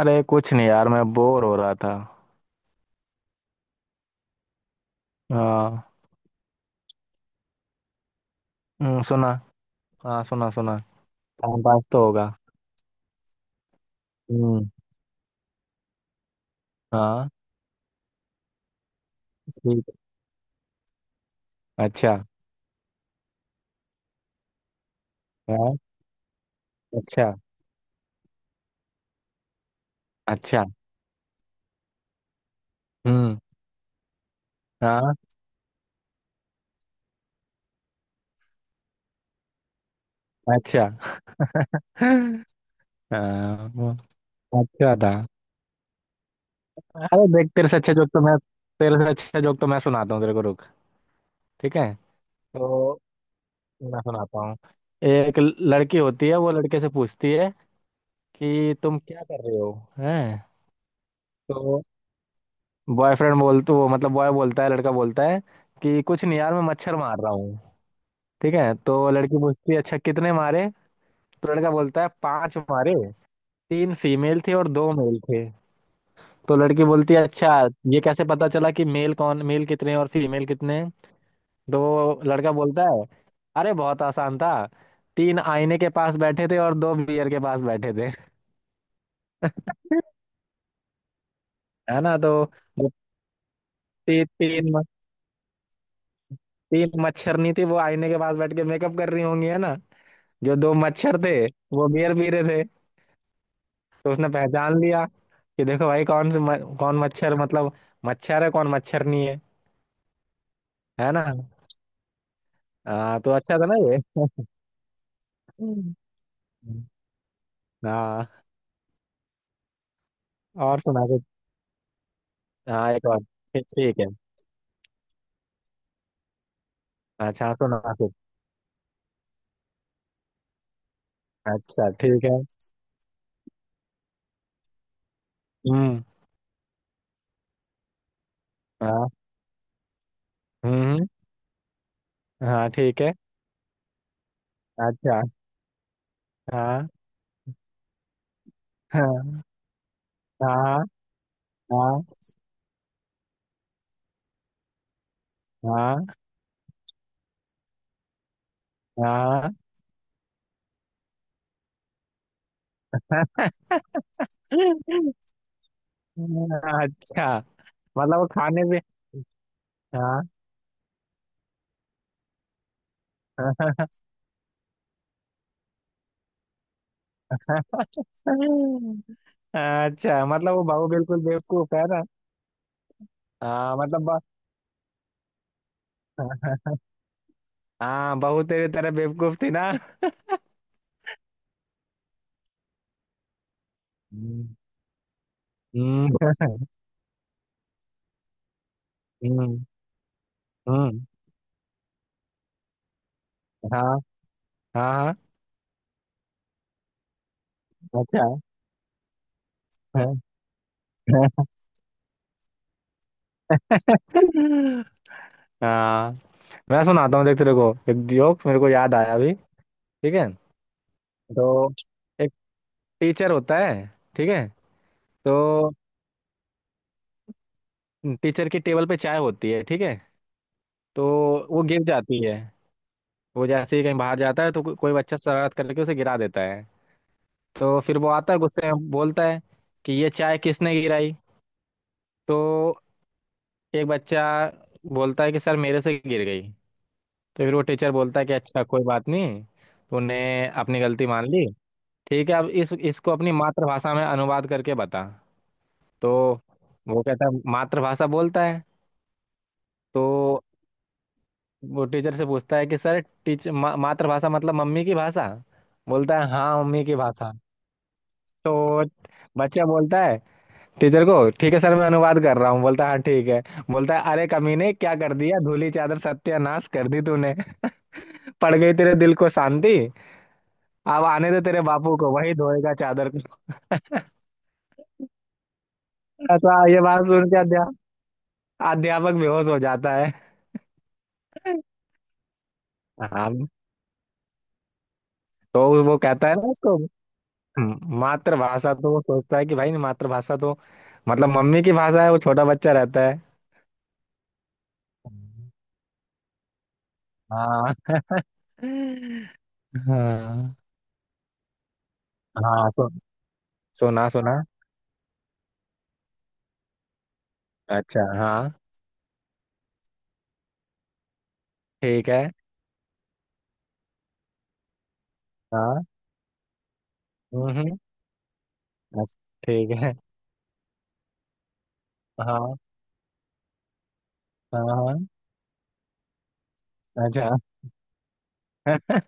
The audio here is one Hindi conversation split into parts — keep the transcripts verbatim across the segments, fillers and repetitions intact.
अरे, कुछ नहीं यार, मैं बोर हो रहा था। हाँ। हम्म, सुना। हाँ, सुना सुना। टाइम पास तो होगा। हम्म। हाँ, ठीक है। अच्छा। हाँ। अच्छा। अच्छा। हम्म। हाँ। अच्छा। हाँ, वो अच्छा था। अरे देख, तेरे से अच्छा जोक तो मैं तेरे से अच्छा जोक तो मैं सुनाता हूँ तेरे को। रुक, ठीक है। तो मैं सुनाता हूँ। एक लड़की होती है, वो लड़के से पूछती है कि तुम क्या कर रहे हो। हैं। तो बॉयफ्रेंड बोल, तो वो मतलब बॉय बोलता है, लड़का बोलता है कि कुछ नहीं यार, मैं मच्छर मार रहा हूँ। ठीक है। तो लड़की पूछती है, अच्छा कितने मारे। तो लड़का बोलता है पांच मारे। तीन फीमेल थे और दो मेल थे। तो लड़की बोलती है, अच्छा ये कैसे पता चला कि मेल कौन मेल कितने और फीमेल कितने। तो वो लड़का बोलता है, अरे बहुत आसान था। तीन आईने के पास बैठे थे और दो बियर के पास बैठे थे। है ना। तो वो ती, तीन तीन मच्छरनी थी, वो आईने के पास बैठ के मेकअप कर रही होंगी, है ना। जो दो मच्छर थे, वो बियर पी रहे थे। तो उसने पहचान लिया कि देखो भाई, कौन से म, कौन मच्छर मतलब मच्छर है, कौन मच्छर नहीं है। है ना। हाँ, तो अच्छा था ना ये। हाँ, और सुना कुछ। हाँ, एक और। ठीक, ठीक है। अच्छा हाँ, सुना कुछ। अच्छा, ठीक है। हम्म। हाँ। हम्म, हम्म। हाँ, ठीक है। अच्छा। हाँ हाँ हाँ हाँ हाँ हाँ। हाँ। अच्छा, मतलब वो खाने भी। हाँ। अच्छा, मतलब वो बहू बिल्कुल बेवकूफ है ना। हाँ मतलब ब- हाँ, बहू तेरी तरह बेवकूफ थी ना। हम्म हम्म। हम्म, हम्म। हाँ हाँ हाँ, अच्छा है। हाँ, मैं सुनाता हूँ, देख तेरे को एक जोक मेरे को याद आया अभी। ठीक है। तो एक टीचर होता है, ठीक है। तो टीचर की टेबल पे चाय होती है, ठीक है। तो वो गिर जाती है। वो जैसे ही कहीं बाहर जाता है, तो को, कोई बच्चा शरारत करके उसे गिरा देता है। तो फिर वो आता है, गुस्से में बोलता है कि ये चाय किसने गिराई। तो एक बच्चा बोलता है कि सर, मेरे से गिर गई। तो फिर वो टीचर बोलता है कि अच्छा, कोई बात नहीं, तूने अपनी गलती मान ली। ठीक है, अब इस इसको अपनी मातृभाषा में अनुवाद करके बता। तो वो कहता है मातृभाषा, बोलता है। तो वो टीचर से पूछता है कि सर टीचर, मातृभाषा मतलब मम्मी की भाषा। बोलता है हाँ, मम्मी की भाषा। तो बच्चा बोलता है टीचर को, ठीक है सर, मैं अनुवाद कर रहा हूँ। बोलता है हाँ ठीक है। बोलता है, अरे कमीने, क्या कर दिया, धूली चादर सत्यानाश कर दी तूने, पड़ गई तेरे दिल को शांति, अब आने दे तेरे बापू को, वही धोएगा चादर को। ऐसा ये बात सुन के अध्या, अध्यापक बेहोश हो जाता है। हाँ, तो वो कहता है ना उसको, "हम्म, मातृभाषा, तो वो सोचता है कि भाई मातृभाषा तो मतलब मम्मी की भाषा है, वो छोटा बच्चा रहता है। हाँ हाँ हाँ सु, सुना सुना। अच्छा, हाँ ठीक है। हाँ। हम्म, हम्म। अच्छा, ठीक है। हाँ हाँ हाँ। अच्छा। हाँ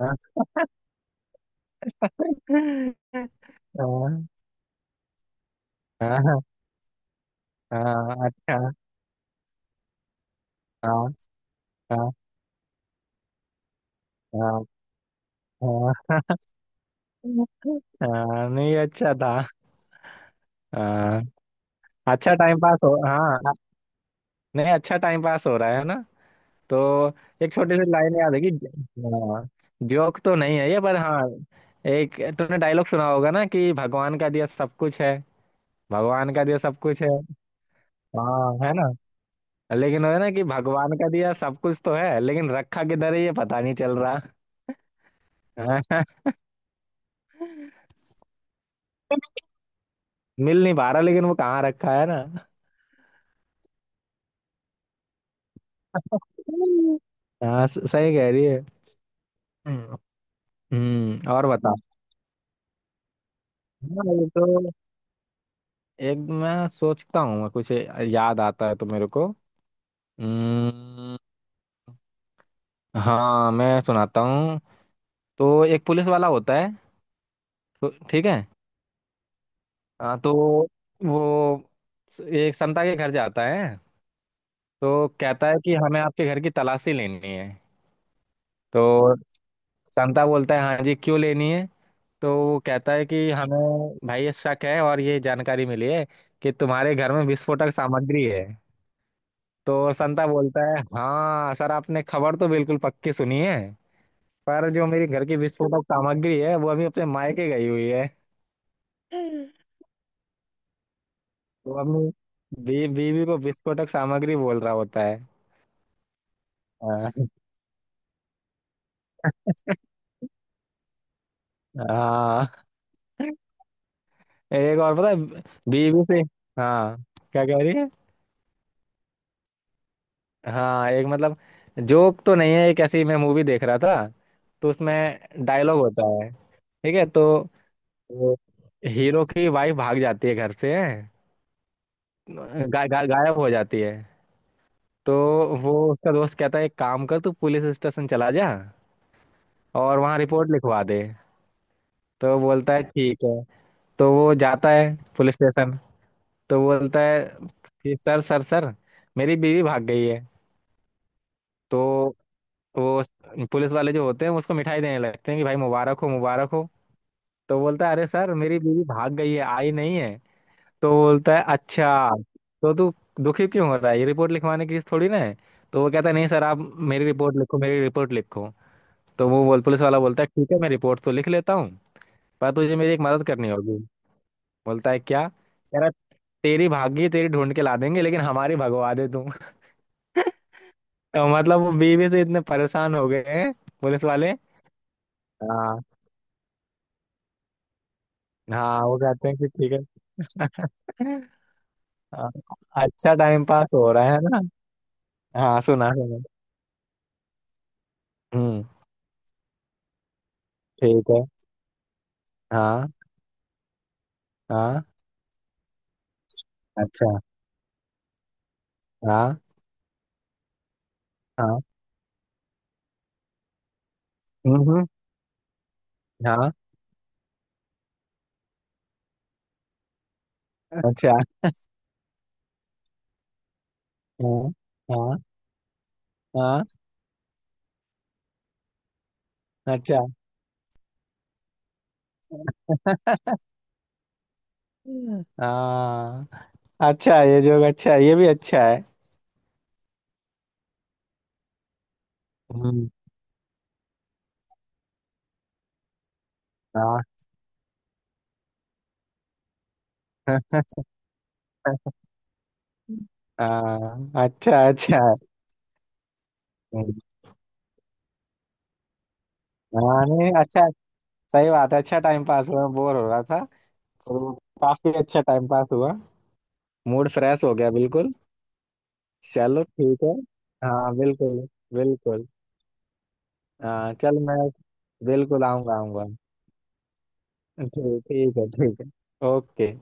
हाँ हाँ, अच्छा। हाँ हाँ हाँ हाँ। हाँ, नहीं अच्छा था। हाँ, अच्छा टाइम पास हो हाँ नहीं, अच्छा टाइम पास हो रहा है ना। तो एक छोटी सी लाइन याद है कि, हाँ, जोक तो नहीं है ये, पर हाँ, एक तूने डायलॉग सुना होगा ना कि भगवान का दिया सब कुछ है। भगवान का दिया सब कुछ है। हाँ, है ना। लेकिन वो है ना कि भगवान का दिया सब कुछ तो है, लेकिन रखा किधर है ये पता नहीं चल रहा। हाँ, मिल नहीं पा रहा, लेकिन वो कहाँ रखा है ना। हाँ, स- सही कह रही है। हम्म, हम्म, और बता। हाँ, ये तो, एक मैं सोचता हूँ, मैं कुछ याद आता है तो मेरे को। हम्म। हाँ, मैं सुनाता हूँ। तो एक पुलिस वाला होता है, तो ठीक है। हाँ, तो वो स- एक संता के घर जाता है। तो कहता है कि हमें आपके घर की तलाशी लेनी है। तो संता बोलता है, हाँ जी, क्यों लेनी है। तो वो कहता है कि हमें भाई ये शक है और ये जानकारी मिली है कि तुम्हारे घर में विस्फोटक सामग्री है। तो संता बोलता है, हाँ सर, आपने खबर तो बिल्कुल पक्की सुनी है, पर जो मेरी घर की विस्फोटक सामग्री है वो अभी अपने मायके गई हुई है। वो अपनी बी, बीवी को विस्फोटक सामग्री बोल रहा होता है। हाँ हाँ, एक और पता है, बीवी से। हाँ, क्या कह रही है। हाँ, एक, मतलब जोक तो नहीं है, एक ऐसी मैं मूवी देख रहा था। तो उसमें डायलॉग होता है, ठीक है। तो वो, हीरो की वाइफ भाग जाती है घर से, गा, गा, गायब हो जाती है। तो वो उसका दोस्त कहता है, एक काम कर, तू पुलिस स्टेशन चला जा और वहाँ रिपोर्ट लिखवा दे। तो बोलता है ठीक है। तो वो जाता है पुलिस स्टेशन। तो बोलता है कि सर सर सर, मेरी बीवी भाग गई है। तो वो स- पुलिस वाले जो होते हैं उसको मिठाई देने लगते हैं कि भाई मुबारक हो, मुबारक हो। तो बोलता है, अरे सर, मेरी बीवी भाग गई है, आई नहीं है। तो बोलता है, अच्छा, तो तू दुखी क्यों हो रहा है, ये रिपोर्ट लिखवाने की चीज थोड़ी ना है। तो वो कहता है, नहीं सर, आप मेरी रिपोर्ट लिखो, मेरी रिपोर्ट लिखो। तो वो बोल पुलिस वाला बोलता है, ठीक है मैं रिपोर्ट तो लिख लेता हूँ, पर तुझे मेरी एक मदद करनी होगी। बोलता है क्या कह रहा। तेरी भागी तेरी ढूंढ के ला देंगे, लेकिन हमारी भगवा दे तू। तो मतलब वो बीवी से इतने परेशान हो गए हैं, पुलिस वाले। हाँ हाँ, वो कहते हैं कि ठीक है। हाँ, अच्छा टाइम पास हो रहा है ना। हाँ, सुना सुना। हम्म, ठीक है। हाँ हाँ। अच्छा। हाँ हाँ। हम्म, हम्म, हाँ। अच्छा। हाँ हाँ हाँ। अच्छा। हाँ। अच्छा, ये जोक अच्छा है, ये भी अच्छा है। हम्म। हाँ। हाँ, अच्छा, अच्छा है। हम्म, हाँ नहीं, अच्छा, सही बात है, अच्छा टाइम पास हुआ, बोर हो रहा था। तो काफी अच्छा टाइम पास हुआ, मूड फ्रेश हो गया बिल्कुल। चलो, ठीक है। हाँ, बिल्कुल। बिल्कुल। हाँ चल, मैं बिल्कुल आऊंगा आऊंगा। ठीक, ठीक है। ठीक है। ओके।